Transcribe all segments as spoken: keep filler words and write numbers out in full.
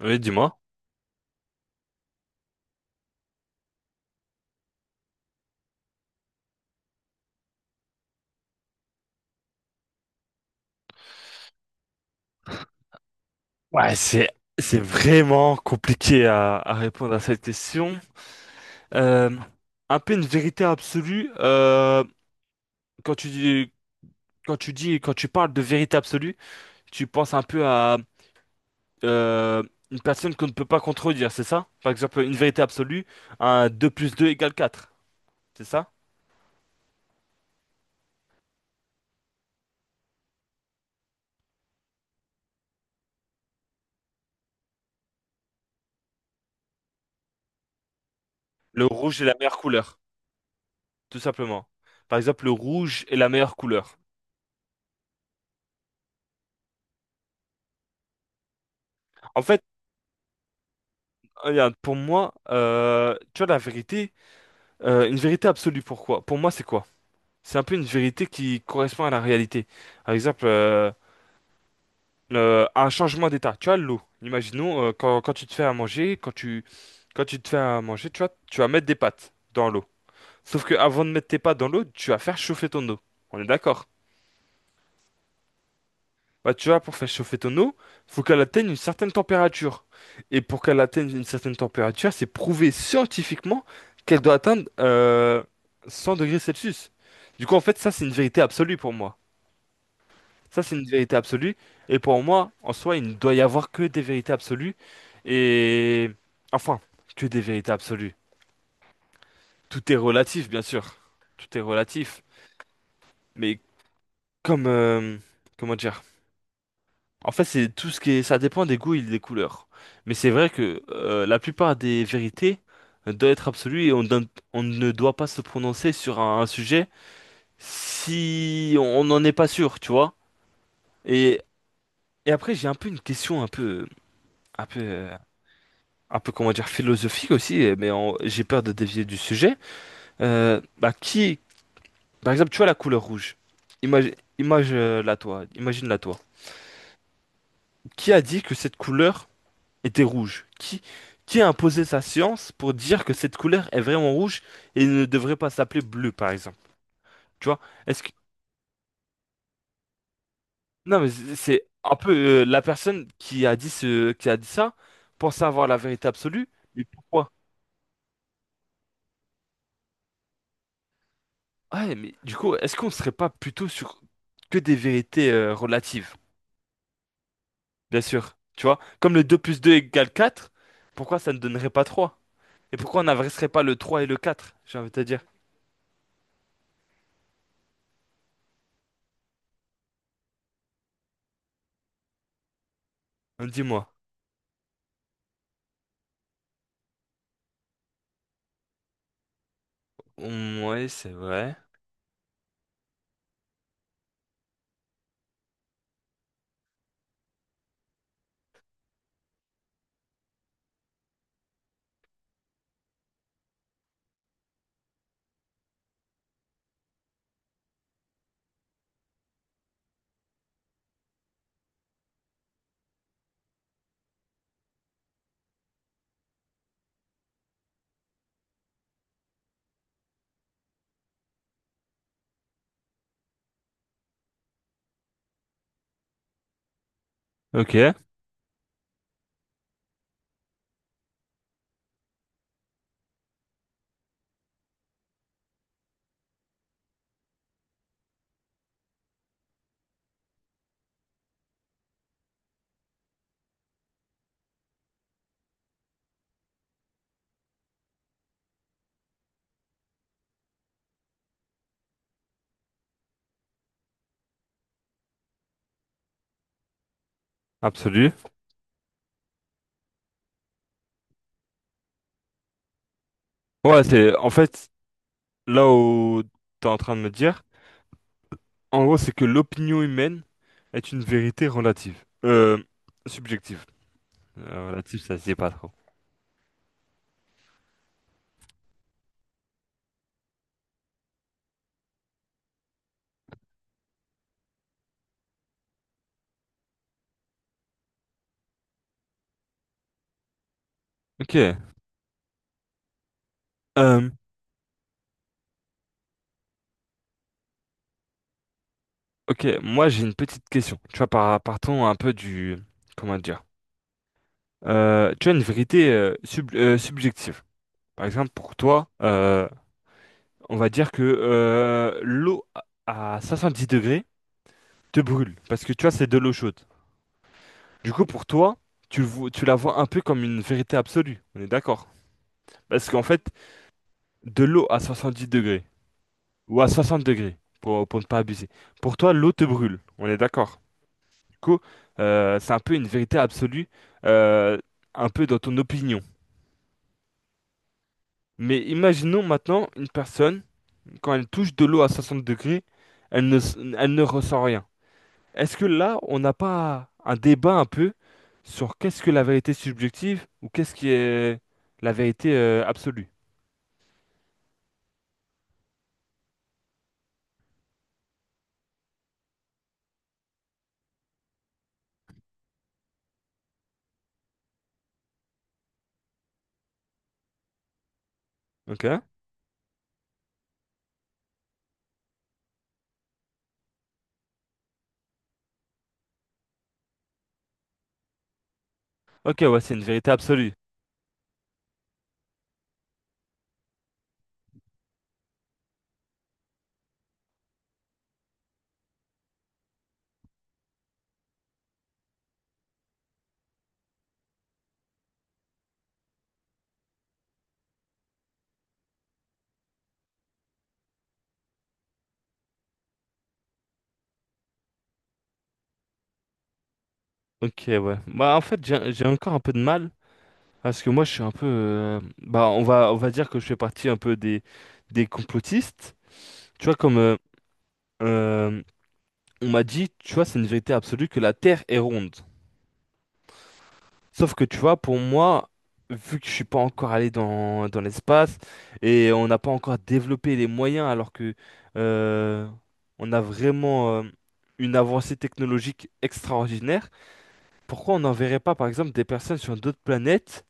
Oui, dis-moi. Ouais, c'est c'est vraiment compliqué à, à répondre à cette question. Euh, un peu une vérité absolue. euh, quand tu dis quand tu dis quand tu parles de vérité absolue, tu penses un peu à euh, une personne qu'on ne peut pas contredire, c'est ça? Par exemple, une vérité absolue, un deux plus deux égale quatre, c'est ça? Le rouge est la meilleure couleur, tout simplement. Par exemple, le rouge est la meilleure couleur. En fait, regarde, pour moi, euh, tu vois, la vérité. Euh, une vérité absolue, pourquoi? Pour moi, c'est quoi? C'est un peu une vérité qui correspond à la réalité. Par exemple, euh, le- un changement d'état. Tu as l'eau. Imaginons, euh, quand, quand tu te fais à manger, quand tu, quand tu te fais à manger, tu vois, tu vas mettre des pâtes dans l'eau. Sauf que avant de mettre tes pâtes dans l'eau, tu vas faire chauffer ton eau. On est d'accord? Bah, tu vois, pour faire chauffer ton eau, faut qu'elle atteigne une certaine température. Et pour qu'elle atteigne une certaine température, c'est prouvé scientifiquement qu'elle doit atteindre euh, cent degrés Celsius. Du coup, en fait, ça, c'est une vérité absolue pour moi. Ça, c'est une vérité absolue. Et pour moi, en soi, il ne doit y avoir que des vérités absolues. Et... Enfin, que des vérités absolues. Tout est relatif, bien sûr. Tout est relatif. Mais comme... euh, comment dire? En fait, c'est tout ce qui est, ça dépend des goûts et des couleurs. Mais c'est vrai que euh, la plupart des vérités euh, doivent être absolues et on, donne- on ne doit pas se prononcer sur un, un sujet si on n'en est pas sûr, tu vois. Et, et après, j'ai un peu une question un peu, un peu, euh, un peu comment dire, philosophique aussi, euh, mais en- j'ai peur de dévier du sujet. Euh, bah, qui, par exemple, tu vois la couleur rouge. Imagine, imagine-la toi, imagine-la toi. Qui a dit que cette couleur était rouge. Qui, qui a imposé sa science pour dire que cette couleur est vraiment rouge et ne devrait pas s'appeler bleu, par exemple? Tu vois? Est-ce que... Non, mais c'est c'est un peu euh, la personne qui a dit ce, qui a dit ça pensait avoir la vérité absolue, mais pourquoi? Ouais, mais du coup, est-ce qu'on serait pas plutôt sur que des vérités euh, relatives? Bien sûr, tu vois? Comme le deux plus deux égale quatre. Pourquoi ça ne donnerait pas trois? Et pourquoi on n'adresserait pas le trois et le quatre? J'ai envie de te dire. Dis-moi. Mm, ouais, c'est vrai. Ok. Absolu. Ouais, c'est en fait là où t'es en train de me dire, en gros, c'est que l'opinion humaine est une vérité relative. Euh, subjective. Euh, relative, ça se dit pas trop. Ok. Euh, ok, moi j'ai une petite question. Tu vois, par- partons un peu du. Comment dire? Euh, tu as une vérité euh, sub- euh, subjective. Par exemple, pour toi, euh, on va dire que euh, l'eau à à soixante-dix degrés te brûle, parce que tu vois, c'est de l'eau chaude. Du coup, pour toi, tu, le vois- tu la vois un peu comme une vérité absolue, on est d'accord? Parce qu'en fait, de l'eau à soixante-dix degrés, ou à soixante degrés, pour, pour ne pas abuser, pour toi, l'eau te brûle, on est d'accord? Du coup, euh, c'est un peu une vérité absolue, euh, un peu dans ton opinion. Mais imaginons maintenant une personne, quand elle touche de l'eau à soixante degrés, elle ne, s- elle ne ressent rien. Est-ce que là, on n'a pas un débat un peu sur qu'est-ce que la vérité subjective ou qu'est-ce qui est la vérité euh, absolue? Ok? Ok, ouais, c'est une vérité absolue. Ok, ouais. Bah, en fait, j'ai j'ai encore un peu de mal parce que moi, je suis un peu. Euh, bah, on va, on va dire que je fais partie un peu des, des complotistes. Tu vois, comme euh, euh, on m'a dit, tu vois, c'est une vérité absolue que la Terre est ronde. Sauf que tu vois, pour moi, vu que je suis pas encore allé dans, dans l'espace et on n'a pas encore développé les moyens, alors que euh, on a vraiment euh, une avancée technologique extraordinaire, pourquoi on n'enverrait pas par exemple des personnes sur d'autres planètes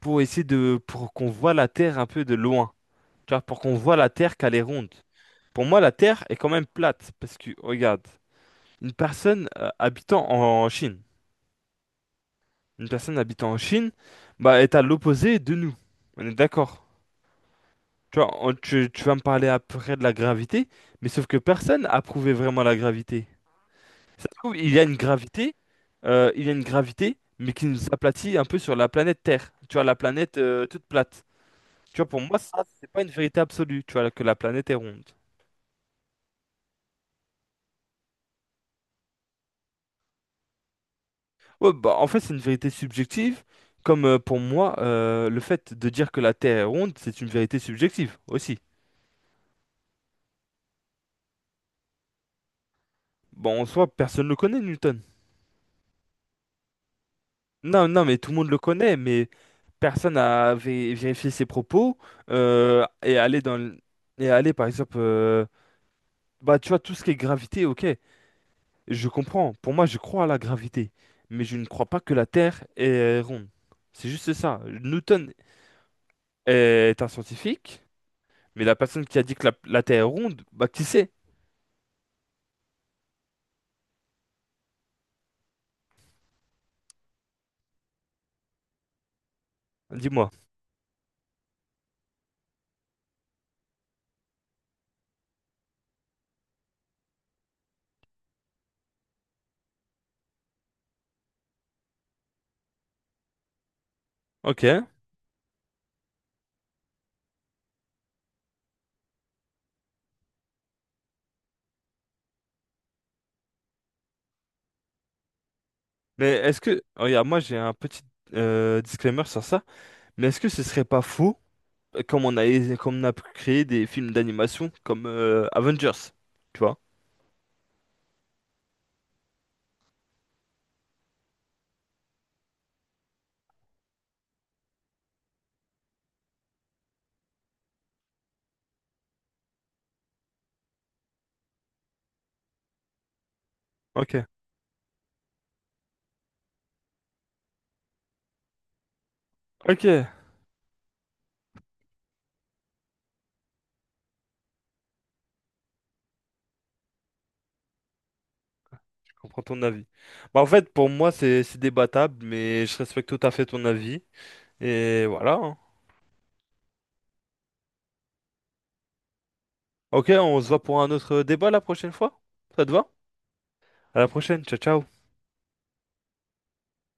pour essayer de pour qu'on voit la Terre un peu de loin, tu vois, pour qu'on voit la Terre qu'elle est ronde. Pour moi, la Terre est quand même plate parce que regarde, une personne euh, habitant en Chine. Une personne habitant en Chine, bah, est à l'opposé de nous. On est d'accord. Tu vois, on- tu, tu vas me parler après de la gravité, mais sauf que personne a prouvé vraiment la gravité. Ça se trouve, il y a une gravité, euh, il y a une gravité, mais qui nous aplatit un peu sur la planète Terre. Tu vois, la planète euh, toute plate. Tu vois, pour moi, ça, c'est pas une vérité absolue, tu vois, que la planète est ronde. Ouais, bah, en fait, c'est une vérité subjective, comme euh, pour moi, euh, le fait de dire que la Terre est ronde, c'est une vérité subjective aussi. Bon, en soi, personne ne le connaît, Newton. Non, non, mais tout le monde le connaît, mais personne n'a vé- vérifié ses propos euh, et aller dans le- et aller par exemple, euh, bah tu vois tout ce qui est gravité, ok, je comprends. Pour moi, je crois à la gravité, mais je ne crois pas que la Terre est euh, ronde. C'est juste ça. Newton est un scientifique, mais la personne qui a dit que la, la Terre est ronde, bah qui sait? Dis-moi. Ok. Mais est-ce que, regarde, moi j'ai un petit euh, disclaimer sur ça, mais est-ce que ce serait pas faux? Comme on a, comme on a créé des films d'animation comme euh, Avengers, tu vois. Ok. Ok, je comprends ton avis. Bah, en fait, pour moi, c'est c'est débattable, mais je respecte tout à fait ton avis. Et voilà, hein. Ok, on se voit pour un autre débat la prochaine fois. Ça te va? À la prochaine, ciao ciao.